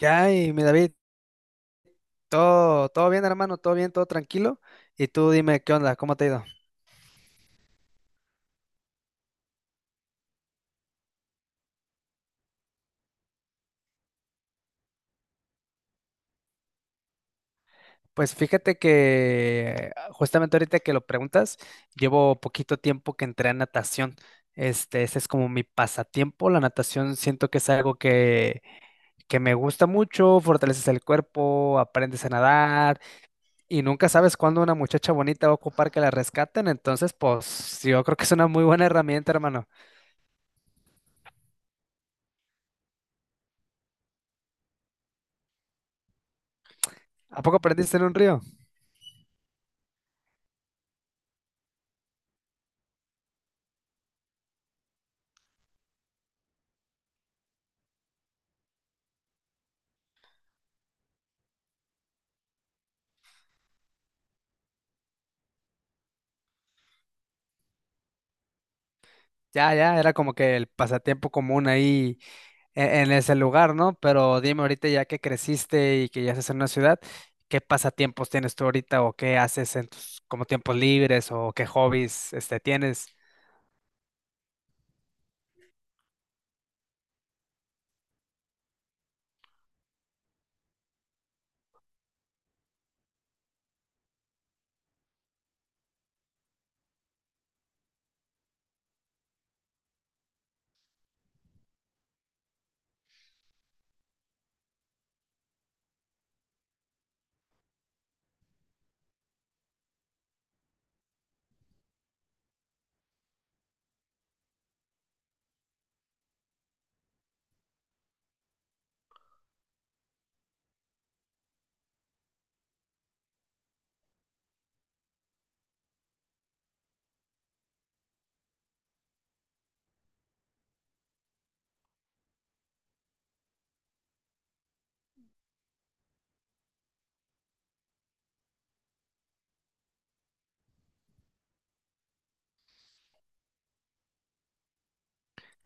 Ya, y mi David, todo, todo bien, hermano, todo bien, todo tranquilo. Y tú dime, ¿qué onda? ¿Cómo te ha ido? Pues fíjate que justamente ahorita que lo preguntas, llevo poquito tiempo que entré a natación. Ese es como mi pasatiempo. La natación siento que es algo que me gusta mucho, fortaleces el cuerpo, aprendes a nadar y nunca sabes cuándo una muchacha bonita va a ocupar que la rescaten. Entonces, pues yo creo que es una muy buena herramienta, hermano. ¿A poco aprendiste en un río? Ya, ya, era como que el pasatiempo común ahí en ese lugar, ¿no? Pero dime ahorita ya que creciste y que ya estás en una ciudad, ¿qué pasatiempos tienes tú ahorita o qué haces en tus como tiempos libres o qué hobbies tienes?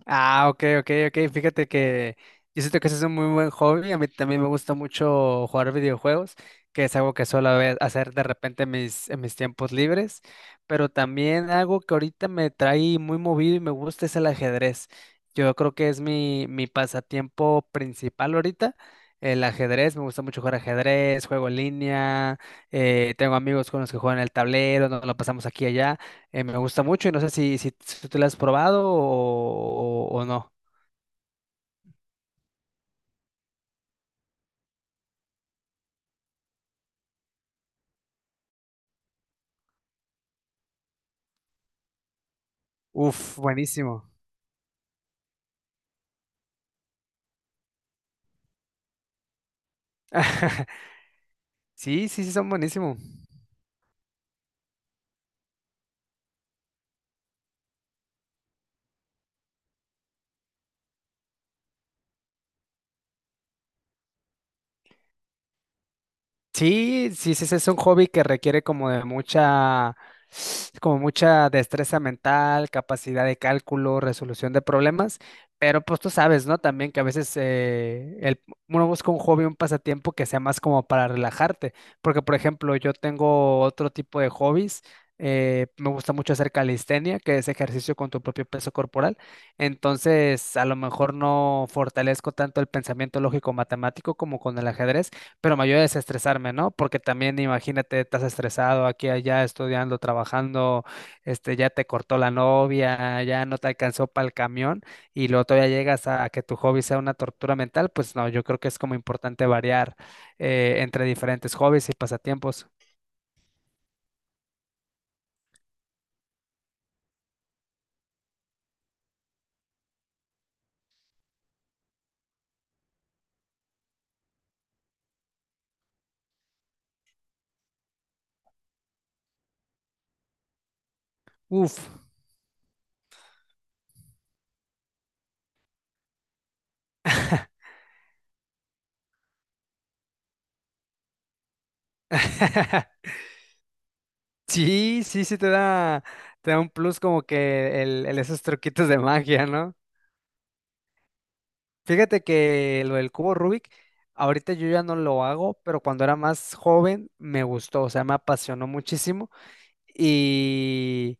Ah, ok, ok, ok. Fíjate que yo siento que ese es un muy buen hobby. A mí también me gusta mucho jugar videojuegos, que es algo que suelo hacer de repente en en mis tiempos libres. Pero también algo que ahorita me trae muy movido y me gusta es el ajedrez. Yo creo que es mi pasatiempo principal ahorita. El ajedrez, me gusta mucho jugar ajedrez, juego en línea, tengo amigos con los que juegan el tablero, nos lo pasamos aquí y allá. Me gusta mucho y no sé si tú la has probado o no. Uf, buenísimo. Sí, sí, sí, son buenísimos. Sí, sí, sí, sí, es un hobby que requiere como de como mucha destreza mental, capacidad de cálculo, resolución de problemas, pero pues tú sabes, ¿no? También que a veces uno busca un hobby, un pasatiempo que sea más como para relajarte, porque por ejemplo yo tengo otro tipo de hobbies, me gusta mucho hacer calistenia, que es ejercicio con tu propio peso corporal, entonces a lo mejor no fortalezco tanto el pensamiento lógico-matemático como con el ajedrez, pero me ayuda a desestresarme, ¿no? Porque también imagínate, estás estresado aquí, allá, estudiando, trabajando, ya te cortó la novia, ya no te alcanzó para el camión y luego todavía llegas a que tu hobby sea una tortura mental. Pues no, yo creo que es como importante variar entre diferentes hobbies y pasatiempos. Uf. Sí, sí, sí te da un plus como que esos truquitos de magia, ¿no? Fíjate que lo del cubo Rubik, ahorita yo ya no lo hago, pero cuando era más joven me gustó, o sea, me apasionó muchísimo. Y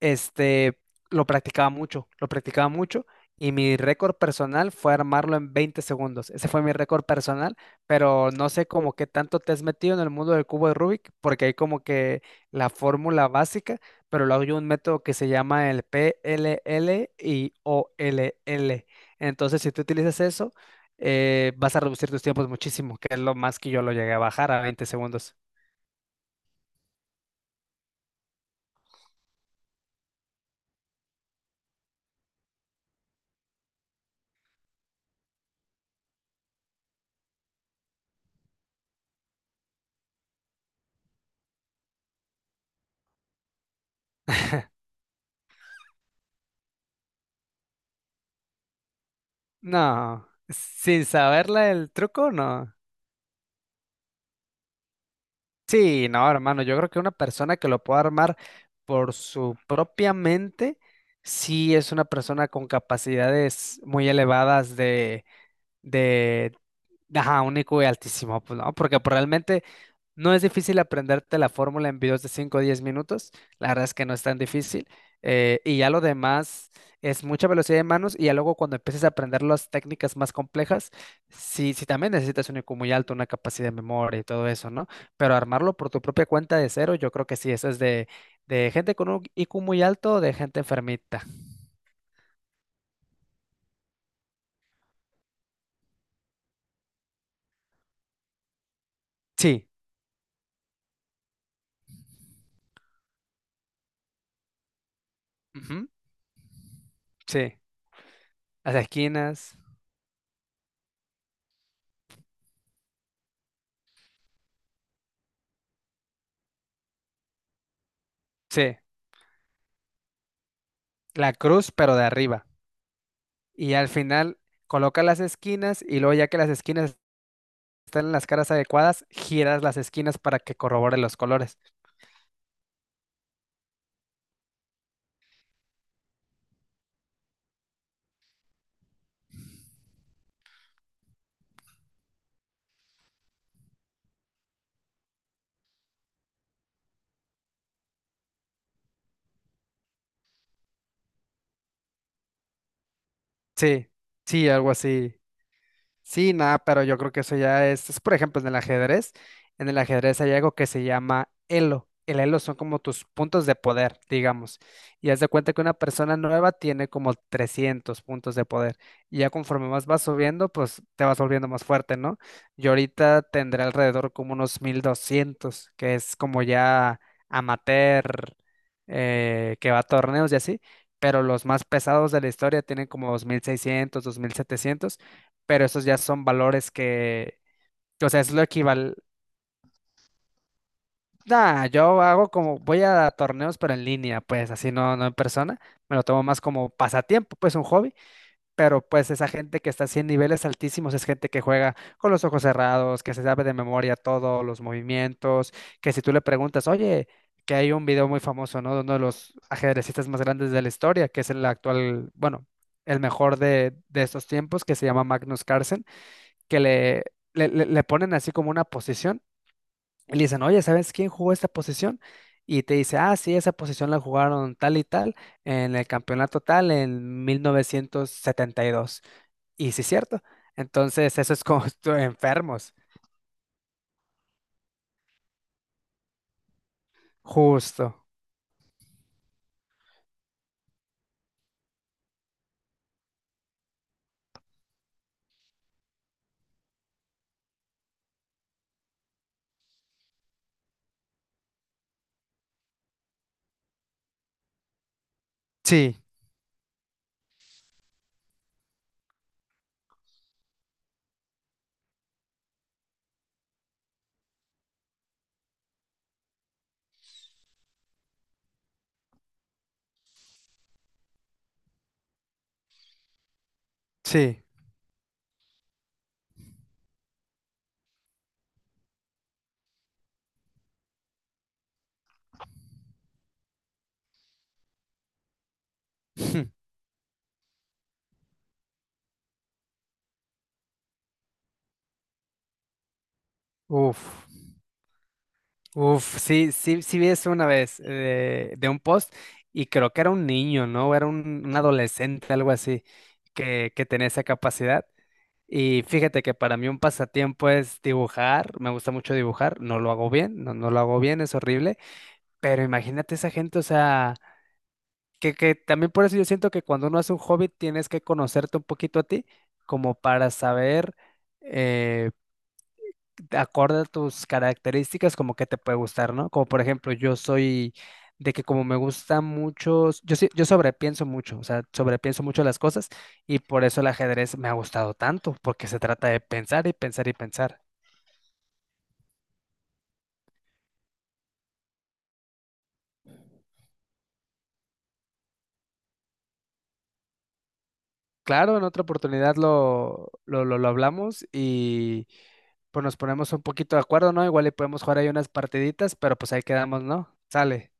este, lo practicaba mucho y mi récord personal fue armarlo en 20 segundos. Ese fue mi récord personal, pero no sé como qué tanto te has metido en el mundo del cubo de Rubik, porque hay como que la fórmula básica, pero luego hay un método que se llama el p l PLL y OLL. Entonces, si tú utilizas eso, vas a reducir tus tiempos muchísimo, que es lo más que yo lo llegué a bajar a 20 segundos. No, sin saberla el truco, no. Sí, no, hermano, yo creo que una persona que lo pueda armar por su propia mente, sí es una persona con capacidades muy elevadas de, de ajá, único y altísimo, pues, ¿no? Porque pues, realmente no es difícil aprenderte la fórmula en videos de 5 o 10 minutos. La verdad es que no es tan difícil. Y ya lo demás es mucha velocidad de manos. Y ya luego cuando empieces a aprender las técnicas más complejas, sí, sí también necesitas un IQ muy alto, una capacidad de memoria y todo eso, ¿no? Pero armarlo por tu propia cuenta de cero, yo creo que sí, eso es de, gente con un IQ muy alto o de gente enfermita. Sí, ujú, sí. Las esquinas, sí. La cruz, pero de arriba. Y al final coloca las esquinas y luego ya que las esquinas están en las caras adecuadas, giras las esquinas para que corrobore los colores. Sí, sí, algo así. Sí, nada, pero yo creo que eso ya es, por ejemplo, en el ajedrez, hay algo que se llama elo. El elo son como tus puntos de poder, digamos. Y haz de cuenta que una persona nueva tiene como 300 puntos de poder. Y ya conforme más vas subiendo, pues te vas volviendo más fuerte, ¿no? Yo ahorita tendré alrededor como unos 1.200, que es como ya amateur, que va a torneos y así. Pero los más pesados de la historia tienen como 2.600, 2.700, pero esos ya son valores que, o sea, es lo equivalente. Nah, yo hago como, voy a torneos, pero en línea, pues así no, no en persona. Me lo tomo más como pasatiempo, pues un hobby. Pero pues esa gente que está así en niveles altísimos es gente que juega con los ojos cerrados, que se sabe de memoria todos los movimientos, que si tú le preguntas, oye, que hay un video muy famoso, ¿no? De uno de los ajedrecistas más grandes de la historia, que es el actual, bueno, el mejor de, estos tiempos, que se llama Magnus Carlsen, que le ponen así como una posición y le dicen, oye, ¿sabes quién jugó esta posición? Y te dice, ah, sí, esa posición la jugaron tal y tal en el campeonato tal en 1972, y sí, es cierto. Entonces, eso es como enfermos. Justo. Sí, sí. Uf, uf, sí, sí, sí vi eso una vez de un post y creo que era un niño, ¿no? Era un adolescente, algo así, que tenía esa capacidad. Y fíjate que para mí un pasatiempo es dibujar, me gusta mucho dibujar, no lo hago bien, no, no lo hago bien, es horrible, pero imagínate esa gente, o sea, que también por eso yo siento que cuando uno hace un hobby tienes que conocerte un poquito a ti, como para saber, eh, acorde a tus características, como que te puede gustar, ¿no? Como por ejemplo, yo soy de que como me gusta mucho, yo sobrepienso mucho, o sea, sobrepienso mucho las cosas y por eso el ajedrez me ha gustado tanto, porque se trata de pensar y pensar y pensar. Claro, en otra oportunidad lo hablamos y pues nos ponemos un poquito de acuerdo, ¿no? Igual le podemos jugar ahí unas partiditas, pero pues ahí quedamos, ¿no? Sale.